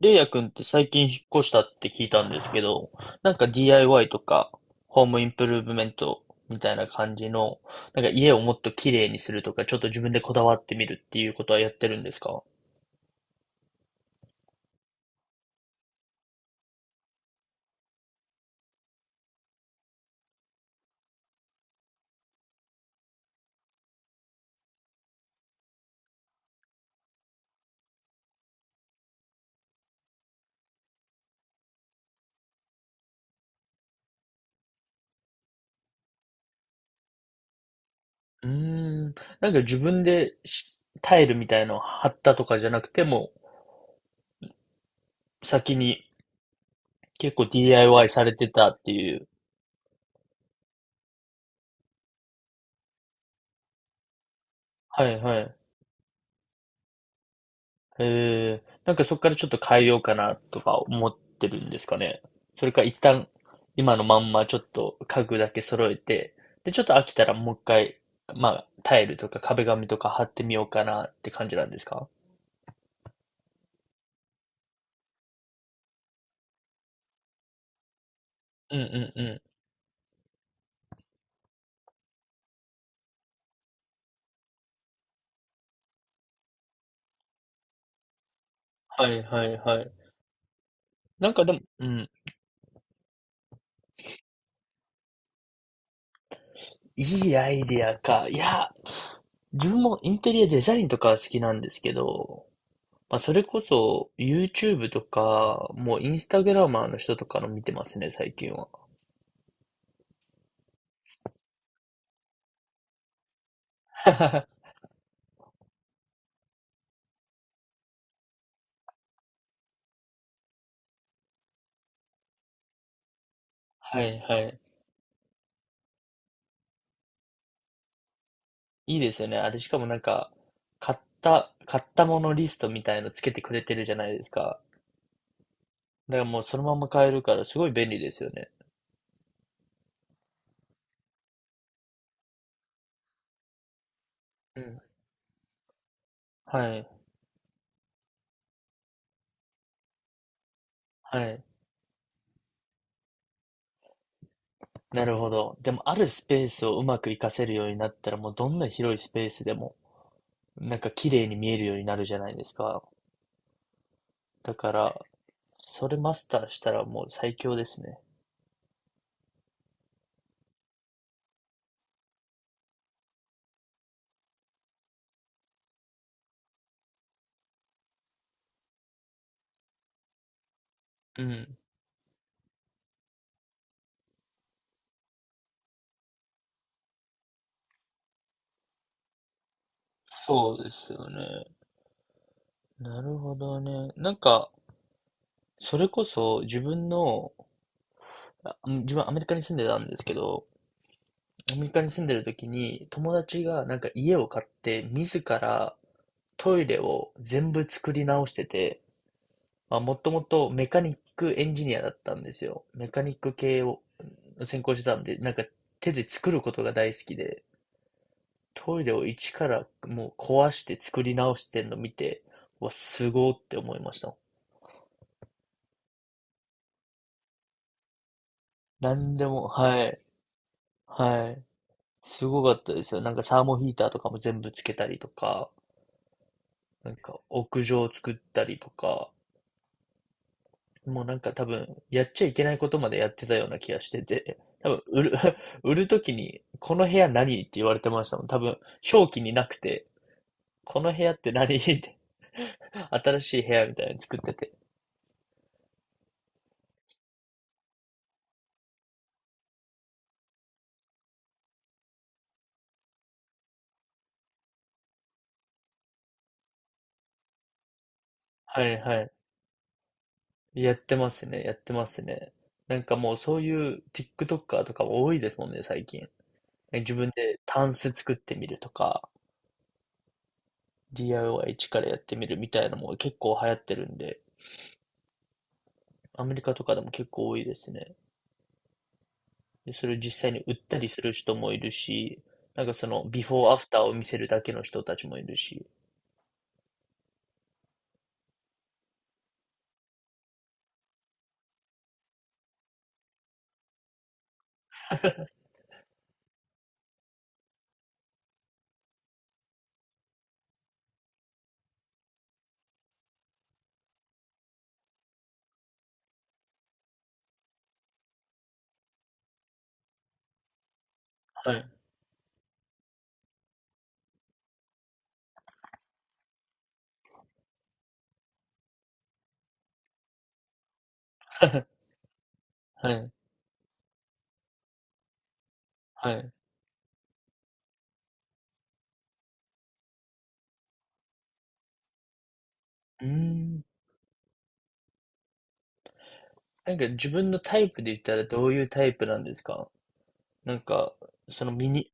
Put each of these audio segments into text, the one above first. レイヤくんって最近引っ越したって聞いたんですけど、DIY とか、ホームインプルーブメントみたいな感じの、家をもっと綺麗にするとか、ちょっと自分でこだわってみるっていうことはやってるんですか？うーん、なんか自分でしタイルみたいのを貼ったとかじゃなくても、先に結構 DIY されてたっていう。はいはい。なんかそこからちょっと変えようかなとか思ってるんですかね。それか一旦今のまんまちょっと家具だけ揃えて、で、ちょっと飽きたらもう一回、タイルとか壁紙とか貼ってみようかなって感じなんですか？うんうんうん。はいはいはい。なんかでも、うん、いいアイディアか。いや、自分もインテリアデザインとかは好きなんですけど、まあ、それこそ YouTube とか、もうインスタグラマーの人とかの見てますね、最近は。はいはい。いいですよね。あれ、しかも買ったものリストみたいのつけてくれてるじゃないですか。だからもうそのまま買えるから、すごい便利ですよね。うん。はい、はい。なるほど。でも、あるスペースをうまく活かせるようになったら、もうどんな広いスペースでも、なんか綺麗に見えるようになるじゃないですか。だから、それマスターしたらもう最強ですね。うん。そうですよね。なるほどね。それこそ自分の自分アメリカに住んでたんですけど、アメリカに住んでる時に友達がなんか家を買って自らトイレを全部作り直してて、まあ、もともとメカニックエンジニアだったんですよ。メカニック系を専攻してたんで、なんか手で作ることが大好きで、トイレを一からもう壊して作り直してんの見て、うわ、すごーって思いました。なんでも、はい、はい。すごかったですよ。なんかサーモヒーターとかも全部つけたりとか、なんか屋上を作ったりとか、もうなんか多分やっちゃいけないことまでやってたような気がしてて、多分売る、売るときに、この部屋何って言われてましたもん。多分表記になくて、この部屋って何って、新しい部屋みたいに作ってて。はいはい。やってますね、やってますね。なんかもうそういう TikToker とかも多いですもんね、最近。自分でタンス作ってみるとか、DIY 一からやってみるみたいなのも結構流行ってるんで、アメリカとかでも結構多いですね。で、それを実際に売ったりする人もいるし、なんかその、ビフォーアフターを見せるだけの人たちもいるし。はい。はい。はい。うーん。なんか自分のタイプで言ったらどういうタイプなんですか？なんか、そのミニ、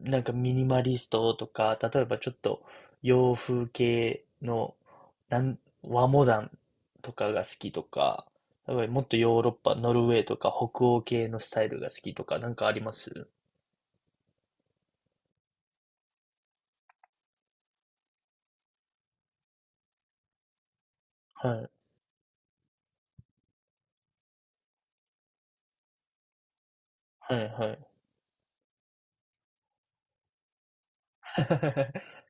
なんかミニマリストとか、例えばちょっと洋風系の和モダンとかが好きとか、やっぱりもっとヨーロッパ、ノルウェーとか北欧系のスタイルが好きとか、なんかあります？はい、はい、はい。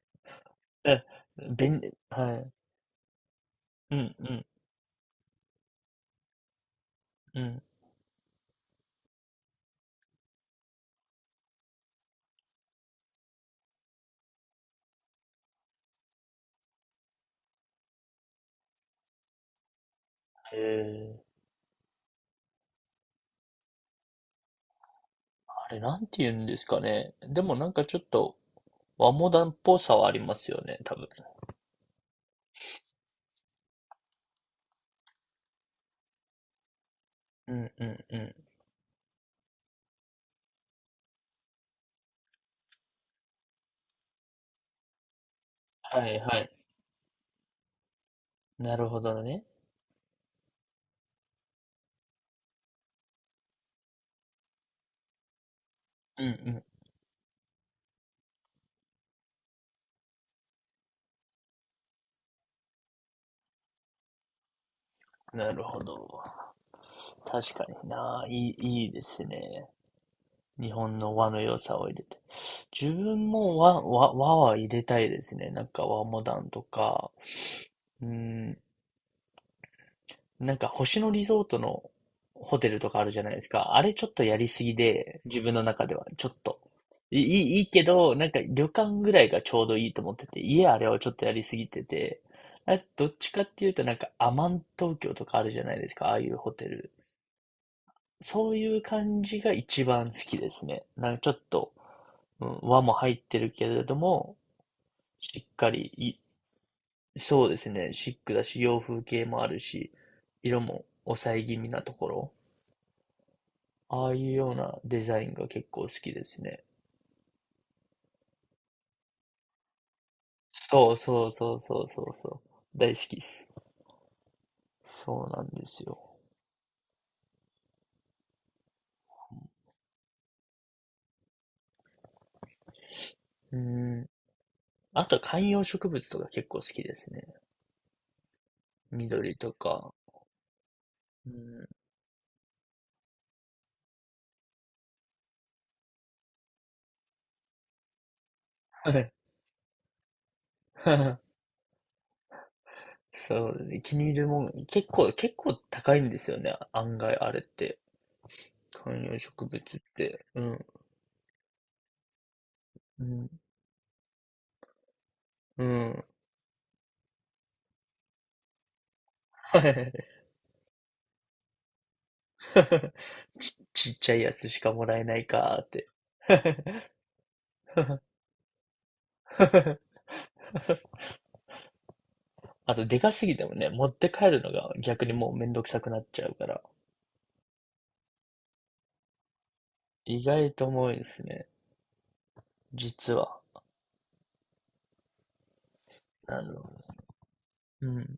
え、便利、はい。うん、うん、うん。へえー、あれなんて言うんですかね。でもなんかちょっと和モダンっぽさはありますよね、多分。うん、うん、うん。はい、はい。なるほどね。うんうん。なるほど。確かにな。いいですね。日本の和の良さを入れて。自分も和は入れたいですね。なんか和モダンとか。うん。なんか星野リゾートのホテルとかあるじゃないですか。あれちょっとやりすぎで、自分の中ではちょっと。いいいいけど、なんか旅館ぐらいがちょうどいいと思ってて、家あれはちょっとやりすぎてて、あどっちかっていうとなんかアマン東京とかあるじゃないですか、ああいうホテル。そういう感じが一番好きですね。なんかちょっと、うん、和も入ってるけれども、しっかりい、そうですね、シックだし、洋風系もあるし、色も抑え気味なところ。ああいうようなデザインが結構好きですね。そうそうそうそうそうそう。大好きです。そうなんですよ。うん。あとは観葉植物とか結構好きですね。緑とか。うん。はい。そうですね。気に入るもん、結構、結構高いんですよね。案外あれって。観葉植物って。うん。うん。うん。はい。ち、ちっちゃいやつしかもらえないかーって。あと、でかすぎてもね、持って帰るのが逆にもうめんどくさくなっちゃうから、意外と重いですね。実は。あの、うん。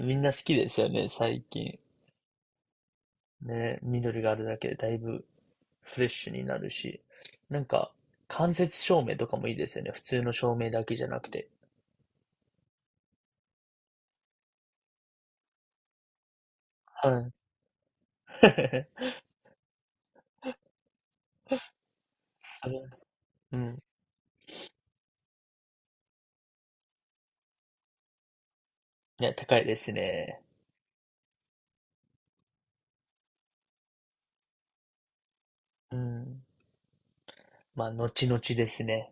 みんな好きですよね、最近。ね、緑があるだけでだいぶフレッシュになるし。なんか、間接照明とかもいいですよね。普通の照明だけじゃなくて。はい。それうん。ね、高いですね。うん。まあ、後々ですね。